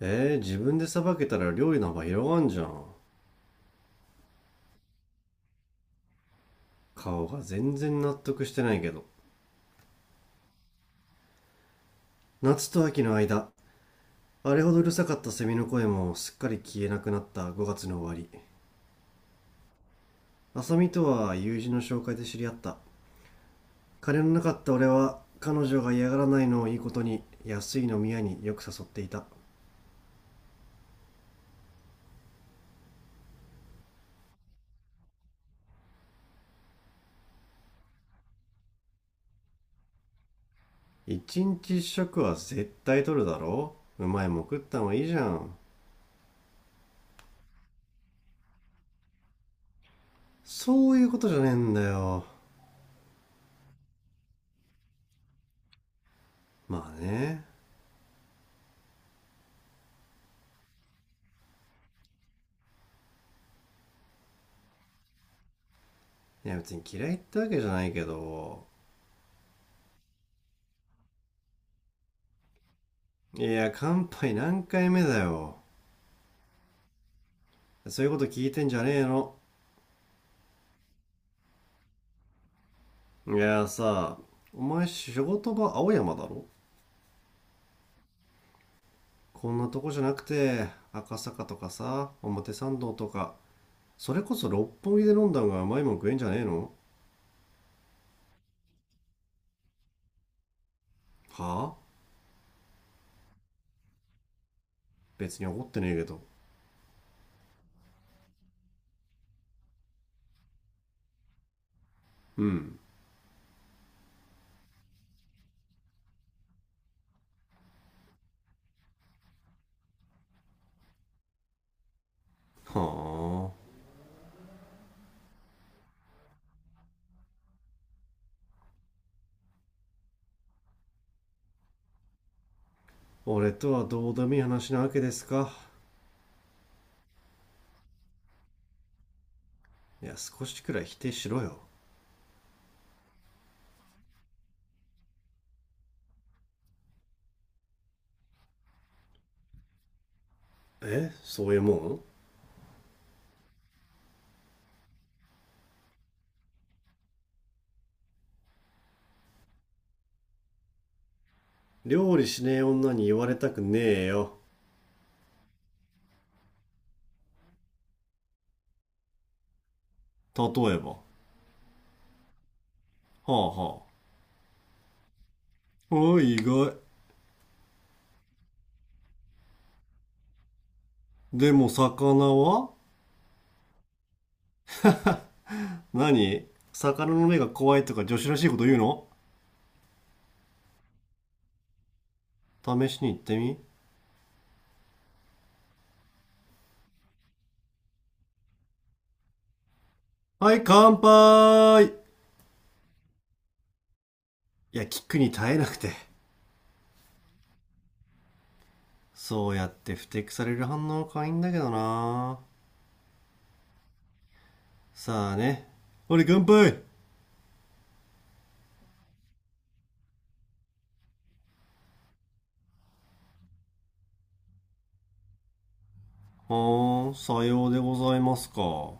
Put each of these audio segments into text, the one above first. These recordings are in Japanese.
自分でさばけたら料理の幅広がんじゃん。顔が全然納得してないけど。夏と秋の間、あれほどうるさかったセミの声もすっかり消えなくなった5月の終わり。浅見とは友人の紹介で知り合った。金のなかった俺は彼女が嫌がらないのをいいことに安い飲み屋によく誘っていた。一日一食は絶対取るだろう。うまいもん食ったのはいいじゃん。そういうことじゃねえんだよ。まあね。いや別に嫌いってわけじゃないけど、いや、乾杯何回目だよ。そういうこと聞いてんじゃねえの。いやさ、お前仕事場青山だろ。こんなとこじゃなくて、赤坂とかさ、表参道とか、それこそ六本木で飲んだ方が甘いもん食えんじゃねえの。はあ。別に怒ってねえけど。うん。はあ。俺とはどうでもいい話なわけですか。いや、少しくらい否定しろよ。えそういうもん？料理しねえ女に言われたくねえよ。例えば。はあはあ。おい、意外。でも、魚は？何？魚の目が怖いとか女子らしいこと言うの？試しに行ってみ。はい、乾杯。いや、キックに耐えなくて。そうやって不適される反応可愛いんだけどな。さあね。俺乾杯。ほーん、さようでございますか。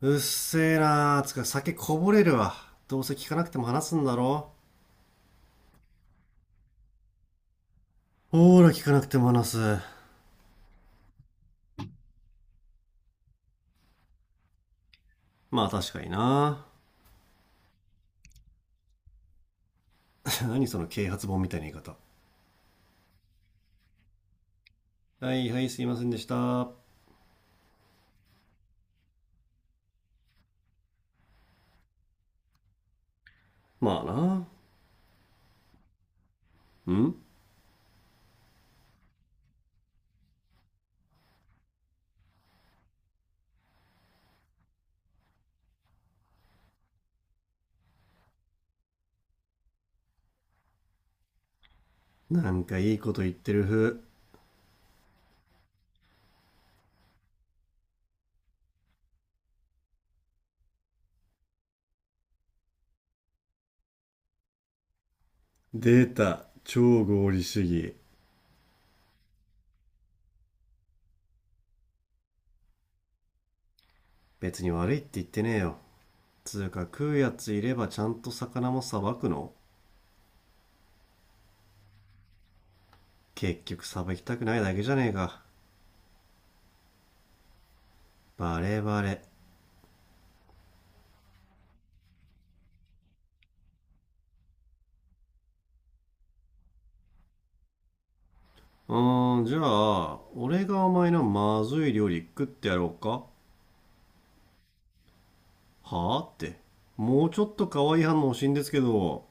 うっせえなー。つか酒こぼれるわ。どうせ聞かなくても話すんだろ。ほーら、聞かなくても話す。まあ確かにな。何その啓発本みたいな言い方。はいはい、すいませんでした。まあな。うん。なんかいいこと言ってる風。出た、超合理主義。別に悪いって言ってねえよ。つうか食うやついればちゃんと魚もさばくの？結局さばきたくないだけじゃねえか。バレバレ。うーん、じゃあ、俺がお前のまずい料理食ってやろうか。はあって。もうちょっと可愛い反応欲しいんですけど。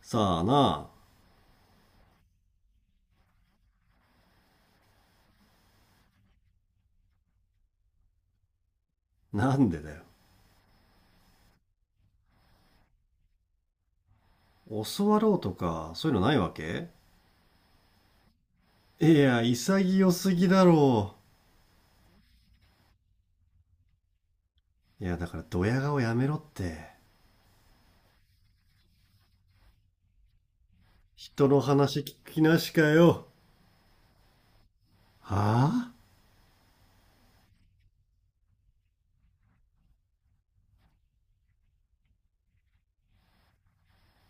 さあな、なんでだよ。教わろうとか、そういうのないわけ？いや、潔すぎだろう。いや、だからドヤ顔やめろって。人の話聞きなしかよ。はぁ、あ、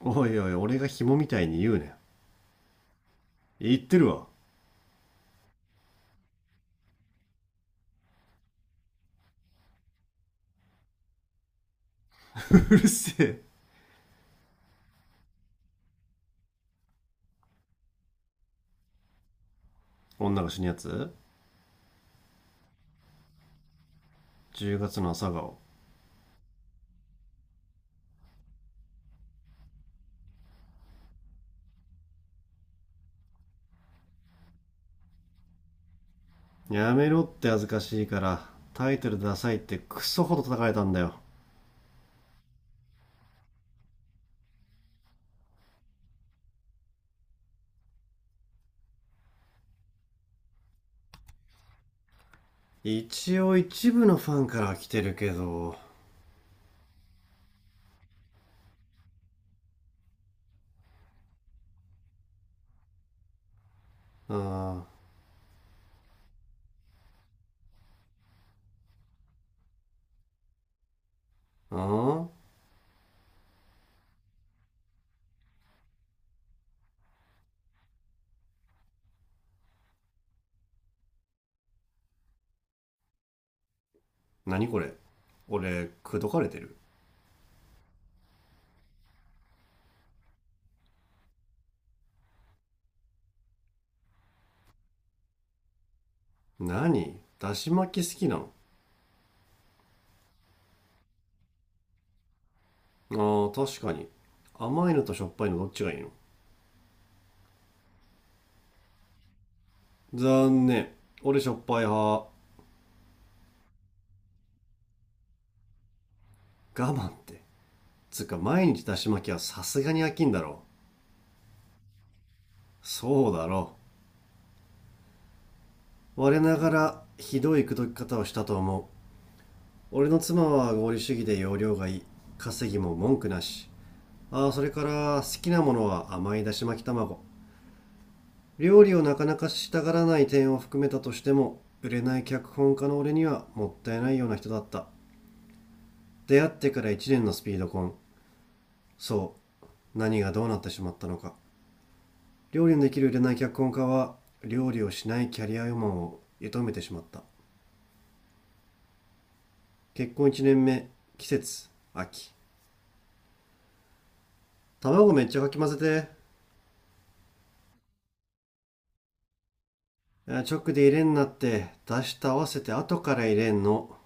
おいおい、俺が紐みたいに言うね。言ってるわ。うるせえ。女が死ぬやつ ?10 月の朝顔。やめろって恥ずかしいから、タイトルダサいってクソほど叩かれたんだよ。一応一部のファンから来てるけど。あー、あー。何これ？俺、くどかれてる？何？だし巻き好きなの？あー確かに。甘いのとしょっぱいのどっちがいいの？残念。俺しょっぱい派。我慢って？つうか毎日だし巻きはさすがに飽きんだろ。そうだろう。我ながらひどい口説き方をしたと思う。俺の妻は合理主義で容量がいい。稼ぎも文句なし。ああ、それから好きなものは甘いだし巻き卵。料理をなかなかしたがらない点を含めたとしても売れない脚本家の俺にはもったいないような人だった。出会ってから1年のスピード婚。そう、何がどうなってしまったのか。料理のできる売れない脚本家は料理をしないキャリアウーマンを射止めてしまった。結婚1年目。季節、秋。卵めっちゃかき混ぜて。あ、直で入れんなって。出した合わせて後から入れんの。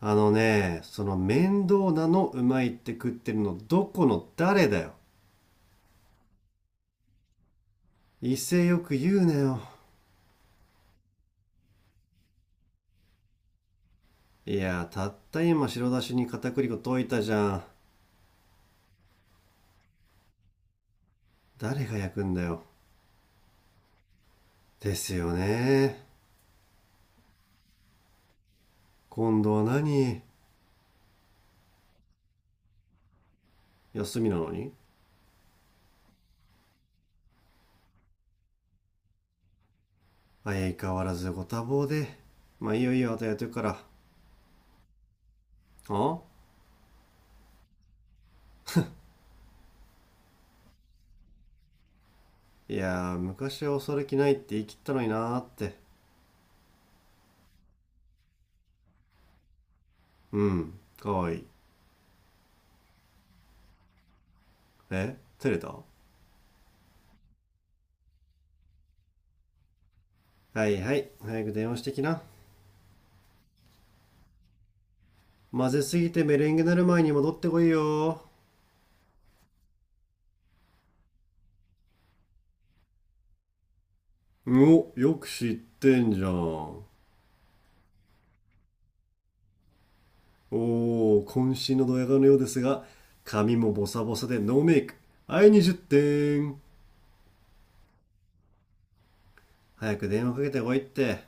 あのね、その面倒なのうまいって食ってるのどこの誰だよ。威勢よく言うなよ。いやたった今白だしに片栗粉溶いたじゃん。誰が焼くんだよ。ですよね。今度は何？休みなのに？相変わらずご多忙で。まあいいよいいよ、あとやってるから。あ、いやー、昔は恐れ気ないって言い切ったのになーって。うん、かわいい。え、照れた？はいはい、早く電話してきな。混ぜすぎてメレンゲなる前に戻ってこいよ。お、よく知ってんじゃん。おー、渾身のドヤ顔のようですが、髪もボサボサでノーメイク。はい、20点。早く電話かけてこいって。